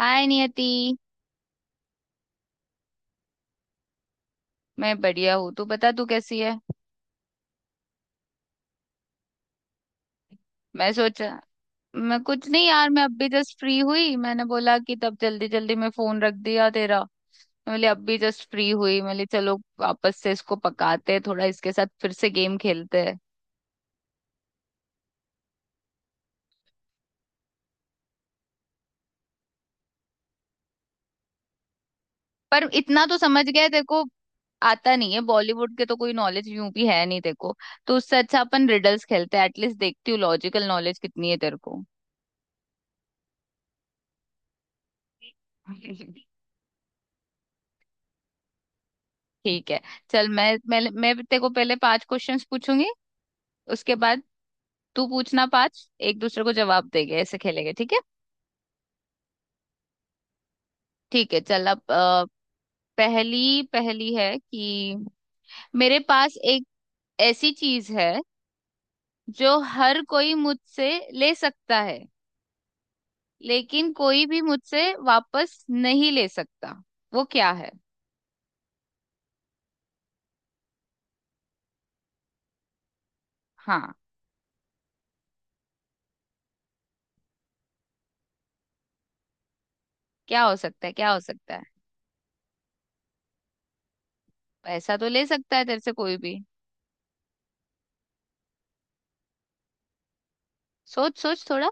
हाय नियति। मैं बढ़िया हूँ। तू बता, तू कैसी है? मैं सोचा मैं कुछ नहीं यार, मैं अभी जस्ट फ्री हुई। मैंने बोला कि तब जल्दी जल्दी मैं फोन रख दिया तेरा। मैं बोली अभी जस्ट फ्री हुई, मैं बोली चलो वापस से इसको पकाते हैं, थोड़ा इसके साथ फिर से गेम खेलते हैं। पर इतना तो समझ गया है, तेरे को आता नहीं है। बॉलीवुड के तो कोई नॉलेज यूं भी है नहीं तेरे को, तो उससे अच्छा अपन रिडल्स खेलते हैं। एटलीस्ट देखती हूँ लॉजिकल नॉलेज कितनी है तेरे को। ठीक है, चल मैं तेरे को पहले पांच क्वेश्चंस पूछूंगी, उसके बाद तू पूछना पांच। एक दूसरे को जवाब देंगे, ऐसे खेलेंगे, ठीक है? ठीक है, चल अब पहली पहली है कि मेरे पास एक ऐसी चीज है जो हर कोई मुझसे ले सकता है, लेकिन कोई भी मुझसे वापस नहीं ले सकता। वो क्या है? हाँ, क्या हो सकता है, क्या हो सकता है? पैसा तो ले सकता है तेरे से कोई भी। सोच सोच थोड़ा।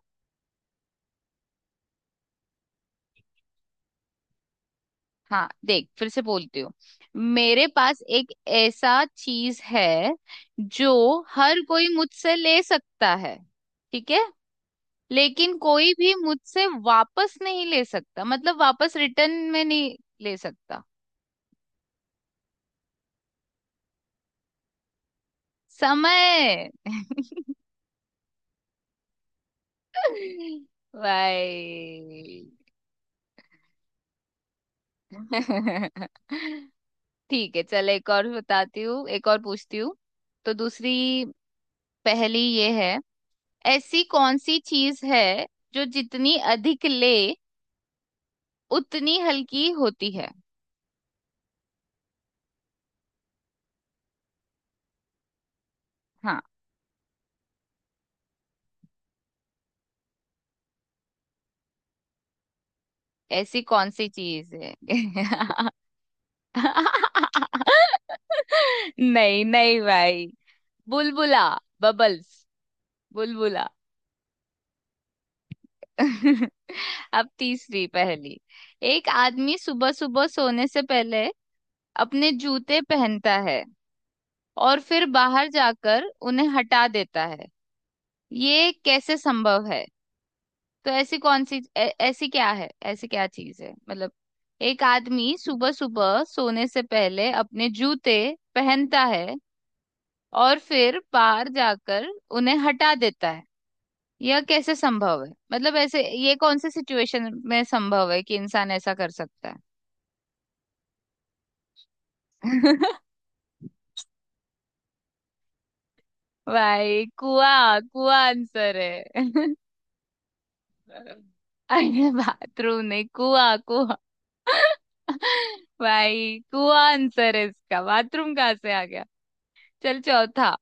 हाँ देख, फिर से बोलती हूँ। मेरे पास एक ऐसा चीज है जो हर कोई मुझसे ले सकता है, ठीक है, लेकिन कोई भी मुझसे वापस नहीं ले सकता, मतलब वापस रिटर्न में नहीं ले सकता। समय। भाई। ठीक है, चल एक और बताती हूँ, एक और पूछती हूँ। तो दूसरी पहेली ये है। ऐसी कौन सी चीज है जो जितनी अधिक ले उतनी हल्की होती है? हाँ, ऐसी कौन सी चीज है? नहीं नहीं भाई, बुलबुला, बबल्स, बुलबुला। अब तीसरी पहेली। एक आदमी सुबह सुबह सोने से पहले अपने जूते पहनता है और फिर बाहर जाकर उन्हें हटा देता है। ये कैसे संभव है? तो ऐसी कौन सी ऐसी क्या है, ऐसी क्या चीज है? मतलब एक आदमी सुबह सुबह सोने से पहले अपने जूते पहनता है और फिर बाहर जाकर उन्हें हटा देता है। यह कैसे संभव है? मतलब ऐसे ये कौन से सिचुएशन में संभव है कि इंसान ऐसा कर सकता है? भाई, कुआ कुआ आंसर है। अरे बाथरूम नहीं, कुआ कुआ। भाई कुआ आंसर है इसका, बाथरूम कहाँ से आ गया? चल चौथा।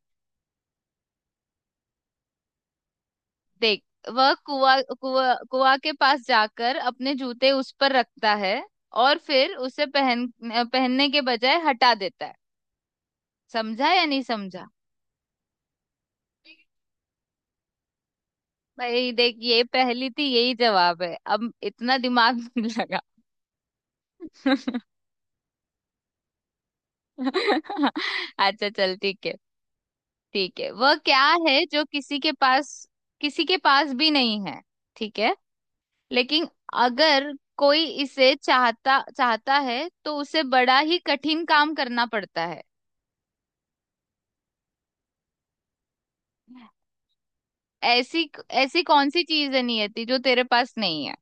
देख, वह कुआ कुआ कुआ के पास जाकर अपने जूते उस पर रखता है और फिर उसे पहनने के बजाय हटा देता है। समझा या नहीं समझा? भाई देख, ये पहली थी, यही जवाब है, अब इतना दिमाग नहीं लगा। अच्छा चल, ठीक है। ठीक है, वह क्या है जो किसी के पास भी नहीं है, ठीक है, लेकिन अगर कोई इसे चाहता चाहता है तो उसे बड़ा ही कठिन काम करना पड़ता है? ऐसी ऐसी कौन सी चीज है नियति जो तेरे पास नहीं है?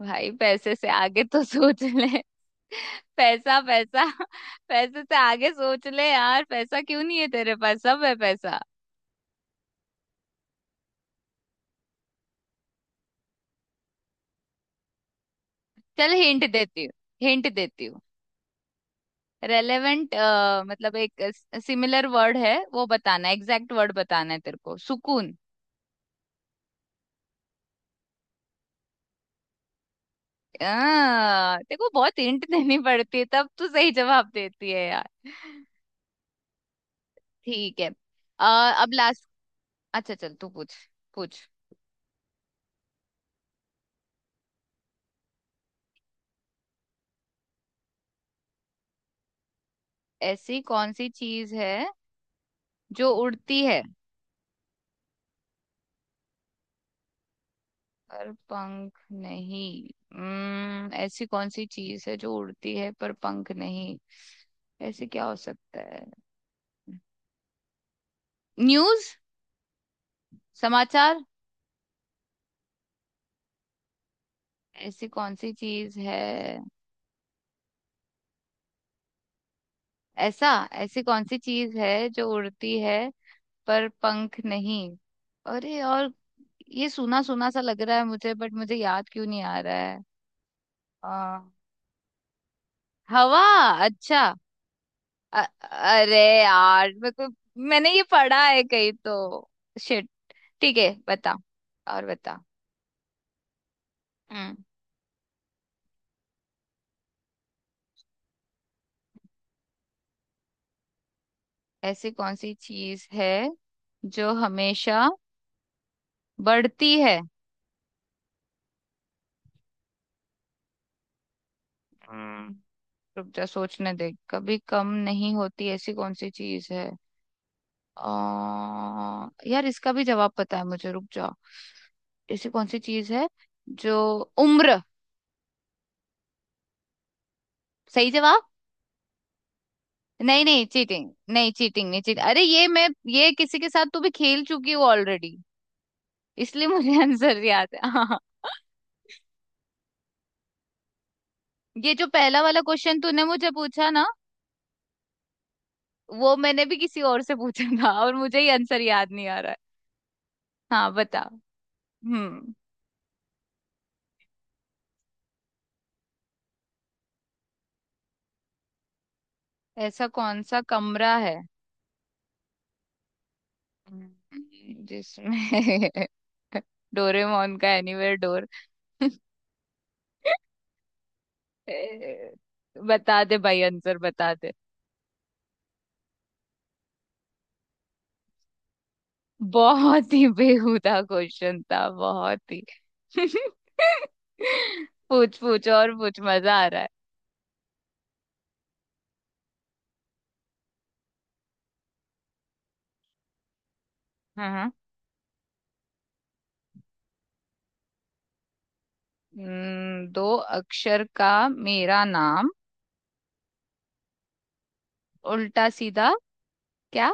भाई पैसे से आगे तो सोच ले। पैसा पैसा, पैसे से आगे सोच ले यार। पैसा क्यों नहीं है तेरे पास, सब है पैसा। चल हिंट देती हूँ, हिंट देती हूँ। रेलेवेंट, मतलब एक सिमिलर वर्ड है वो बताना, एग्जैक्ट वर्ड बताना है तेरे को। सुकून। देखो बहुत हिंट देनी पड़ती है तब तू सही जवाब देती है यार। ठीक है। अब लास्ट, अच्छा चल तू पूछ, पूछ। ऐसी कौन सी चीज है जो उड़ती है पर पंख नहीं? हम्म, ऐसी कौन सी चीज है जो उड़ती है पर पंख नहीं? ऐसे क्या हो सकता है? न्यूज, समाचार? ऐसी कौन सी चीज है? ऐसा, ऐसी कौन सी चीज है जो उड़ती है पर पंख नहीं? अरे और, ये सुना सुना सा लग रहा है मुझे, बट मुझे याद क्यों नहीं आ रहा है? आ, हवा, अच्छा। अ- अरे यार मेरे को, मैंने ये पढ़ा है कहीं तो। शिट। ठीक है, बता और बता। हम्म, ऐसी कौन सी चीज है जो हमेशा बढ़ती है? हम्म, रुक जा सोचने दे, कभी कम नहीं होती ऐसी कौन सी चीज है? यार इसका भी जवाब पता है मुझे, रुक जाओ। ऐसी कौन सी चीज है जो, उम्र। सही जवाब। नहीं नहीं, चीटिंग नहीं, चीटिंग नहीं, चीटिंग। अरे ये मैं, ये किसी के साथ तू भी खेल चुकी हो ऑलरेडी, इसलिए मुझे आंसर याद है। हाँ, ये जो पहला वाला क्वेश्चन तूने मुझे पूछा ना, वो मैंने भी किसी और से पूछा था और मुझे ही आंसर याद नहीं आ रहा है। हाँ बता। हम्म, ऐसा कौन सा कमरा है? जिसमें डोरेमोन का एनीवेयर डोर। ए, बता दे भाई, आंसर बता दे। बहुत ही बेहुदा क्वेश्चन था, बहुत ही। पूछ पूछ और पूछ, मजा आ रहा है। हाँ हाँ। दो अक्षर का मेरा नाम, उल्टा सीधा क्या?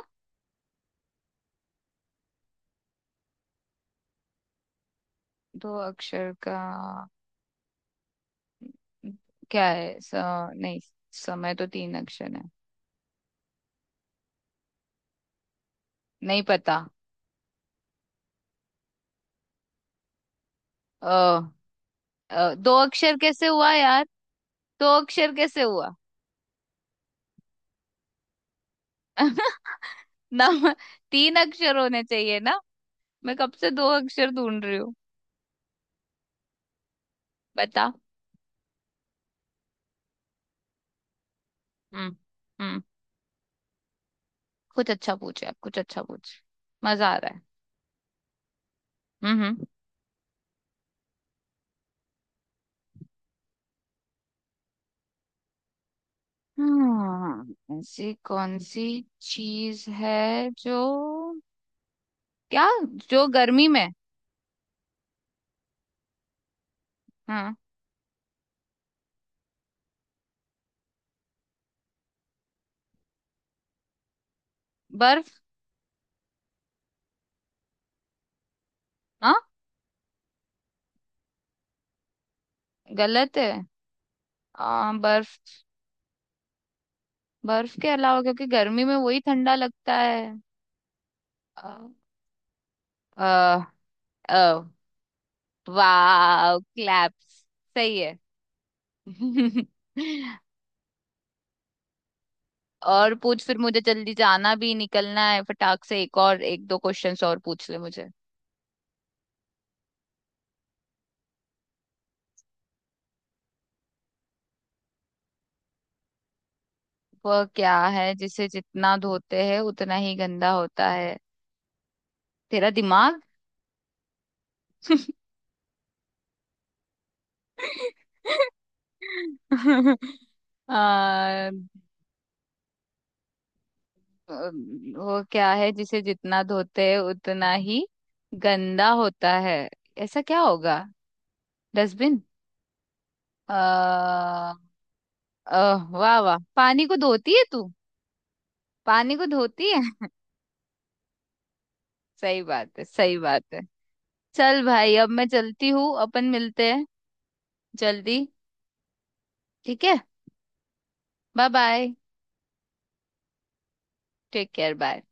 दो अक्षर का क्या है? स, नहीं, समय तो तीन अक्षर है। नहीं पता। अ दो अक्षर कैसे हुआ यार? दो अक्षर कैसे हुआ? ना, तीन अक्षर होने चाहिए ना। मैं कब से दो अक्षर ढूंढ रही हूँ। बता। हम्म। हम्म। कुछ अच्छा पूछ यार, कुछ अच्छा पूछ, मजा आ रहा है। हम्म। हम्म। हम्म, ऐसी कौन सी चीज है जो? क्या? जो गर्मी में? हाँ। बर्फ। हाँ, गलत है। बर्फ, बर्फ के अलावा क्योंकि गर्मी में वही ठंडा लगता है। आ, आ, वाह क्लैप्स, सही है। और पूछ, फिर मुझे जल्दी जाना भी, निकलना है फटाक से। एक और, एक दो क्वेश्चंस और पूछ ले मुझे। वह क्या है जिसे जितना धोते हैं उतना ही गंदा होता है? तेरा दिमाग। आ, वो क्या है जिसे जितना धोते हैं उतना ही गंदा होता है? ऐसा क्या होगा? डस्टबिन। आ, अह वाह वाह, पानी को धोती है तू, पानी को धोती है। सही बात है, सही बात है। चल भाई, अब मैं चलती हूँ, अपन मिलते हैं। जल्दी। ठीक है, bye bye. Take care, bye.